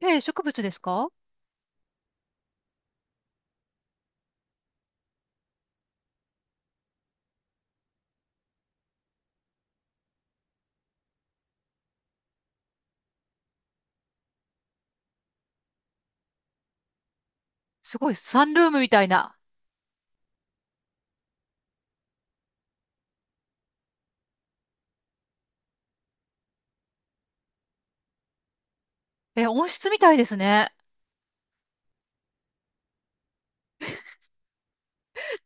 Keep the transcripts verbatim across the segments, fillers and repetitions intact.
ええ、植物ですか？すごい、サンルームみたいな。え、温室みたいですね。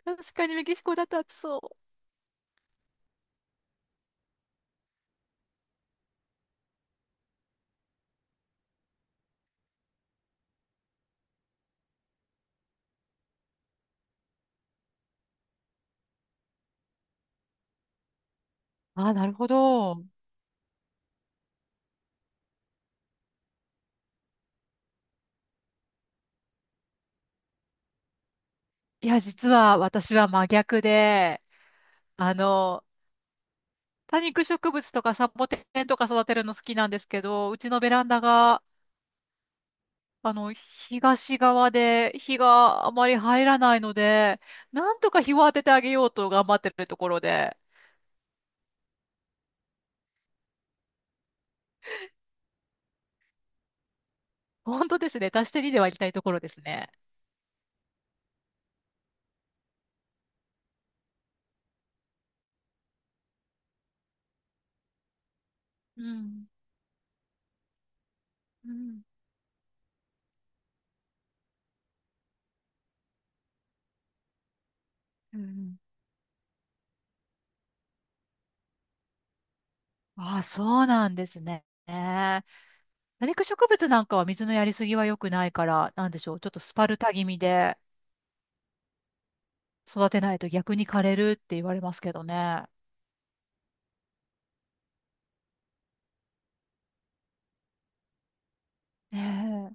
確かにメキシコだと暑そう。ああ、なるほど。いや、実は私は真逆で、あの、多肉植物とかサボテンとか育てるの好きなんですけど、うちのベランダが、あの、東側で日があまり入らないので、なんとか日を当ててあげようと頑張ってるところで、本当ですね、足してにではいきたいところですね。うん。うん。うん。ああ、そうなんですね。ね。多肉植物なんかは水のやりすぎは良くないから、なんでしょう。ちょっとスパルタ気味で育てないと逆に枯れるって言われますけどね。ね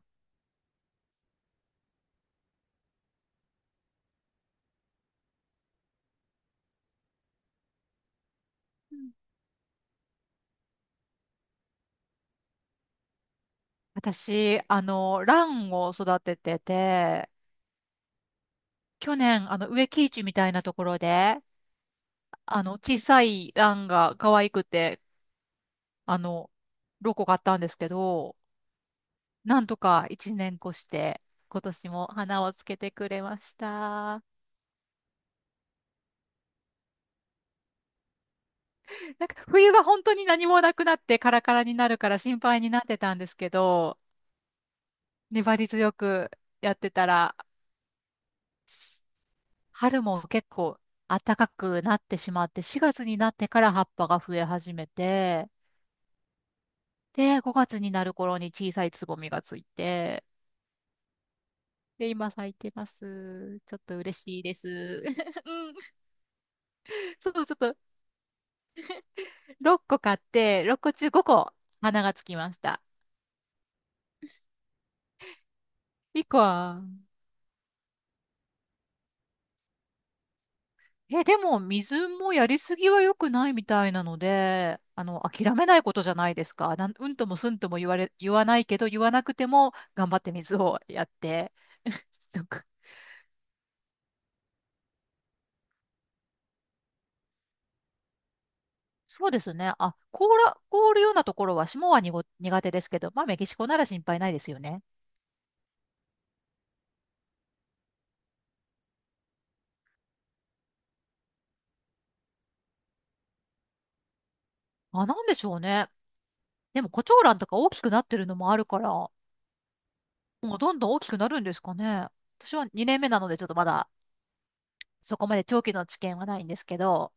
え。うん。私、あの、ランを育ててて、去年、あの、植木市みたいなところで、あの、小さいランが可愛くて、あの、ロコ買ったんですけど、なんとかいちねん越して、今年も花をつけてくれました。なんか冬は本当に何もなくなってカラカラになるから心配になってたんですけど、粘り強くやってたら、し春も結構暖かくなってしまって、しがつになってから葉っぱが増え始めて、で、ごがつになる頃に小さいつぼみがついて、で、今咲いてます。ちょっと嬉しいです。うん、そう、ちょっとろっこ買って、ろっこ中ごこ花がつきました。いっこはえ、でも水もやりすぎは良くないみたいなので、あの、諦めないことじゃないですか。なん、うんともすんとも言われ、言わないけど、言わなくても頑張って水をやって。なんかそうですね。あ、凍ら、凍るようなところは霜はにご苦手ですけど、まあメキシコなら心配ないですよね。あ、なんでしょうね。でもコチョウランとか大きくなってるのもあるから、もうどんどん大きくなるんですかね。私はにねんめなのでちょっとまだそこまで長期の知見はないんですけど、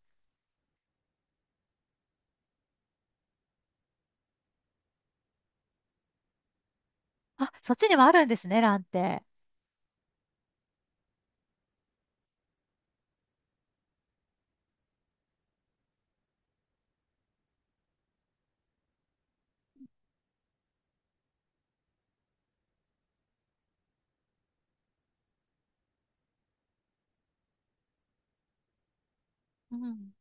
あ、そっちにはあるんですね、ランって。うん。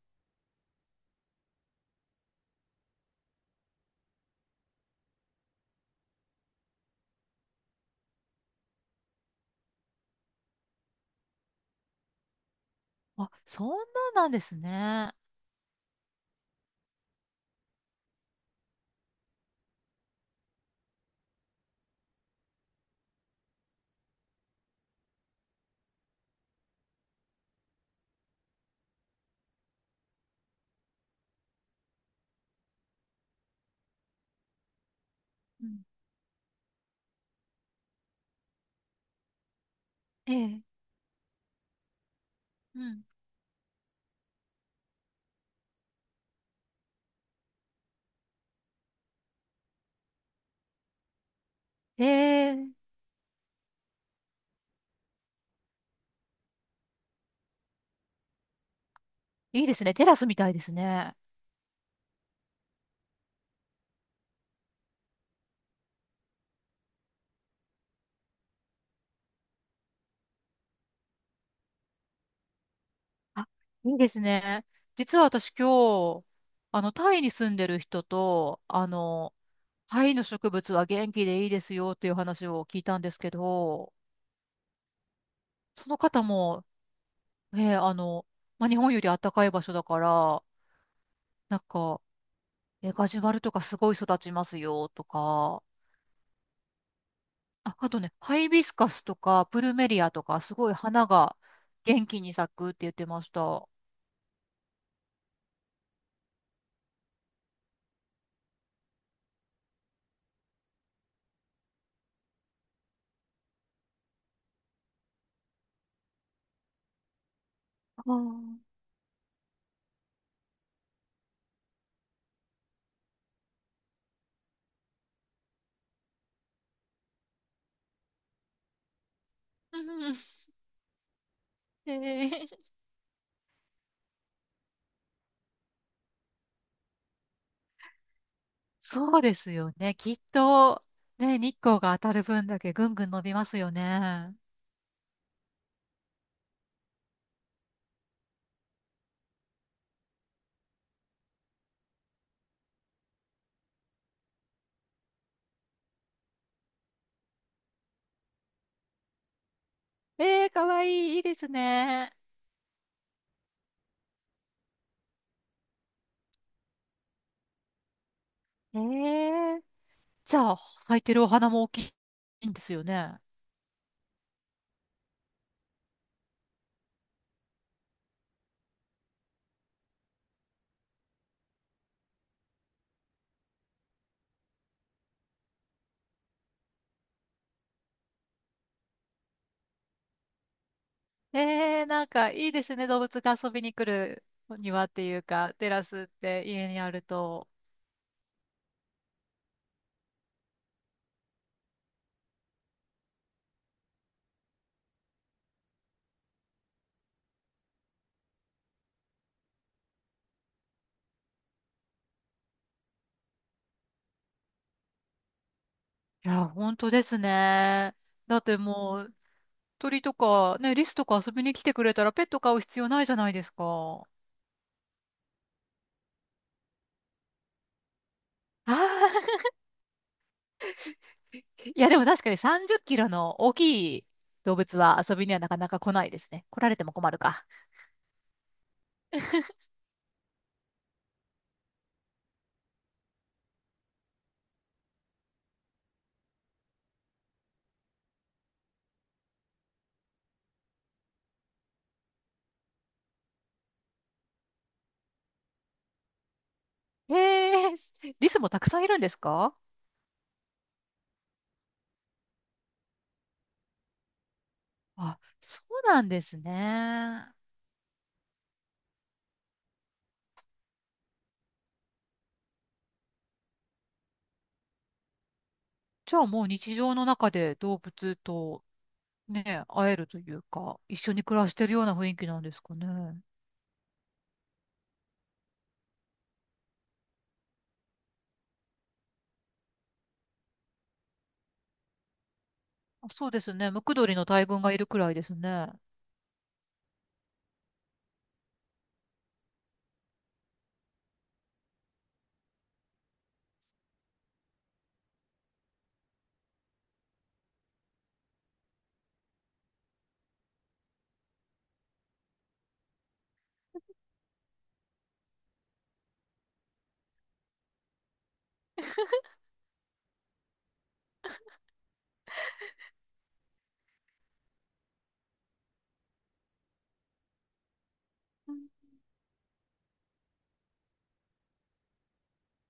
あ、そんなんなんですね。うん、ええ。うん。ええ、いいですね。テラスみたいですね。いいですね。実は私今日、あの、タイに住んでる人と、あの、タイの植物は元気でいいですよっていう話を聞いたんですけど、その方も、ええ、あの、まあ、日本より暖かい場所だから、なんか、えガジュマルとかすごい育ちますよとか、あ、あとね、ハイビスカスとかプルメリアとか、すごい花が元気に咲くって言ってました。そうですよね。きっと、ね、日光が当たる分だけぐんぐん伸びますよね。えー、かわいい、いいですね。えーじゃあ、咲いてるお花も大きいんですよね。えー、なんかいいですね。動物が遊びに来る庭っていうか、テラスって家にあると。いや、本当ですね。だってうも鳥とか、ね、リスとか遊びに来てくれたらペット飼う必要ないじゃないですか。ああ、いやでも確かにさんじゅっキロの大きい動物は遊びにはなかなか来ないですね。来られても困るか。へえ、リスもたくさんいるんですか？あ、そうなんですね。じゃあもう日常の中で動物とね、会えるというか、一緒に暮らしてるような雰囲気なんですかね。あそうですね。ムクドリの大群がいるくらいですね。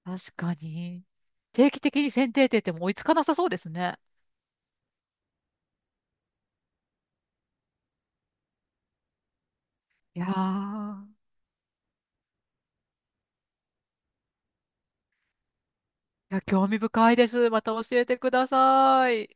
確かに。定期的に剪定って言っても追いつかなさそうですね。いやー、いや、興味深いです。また教えてください。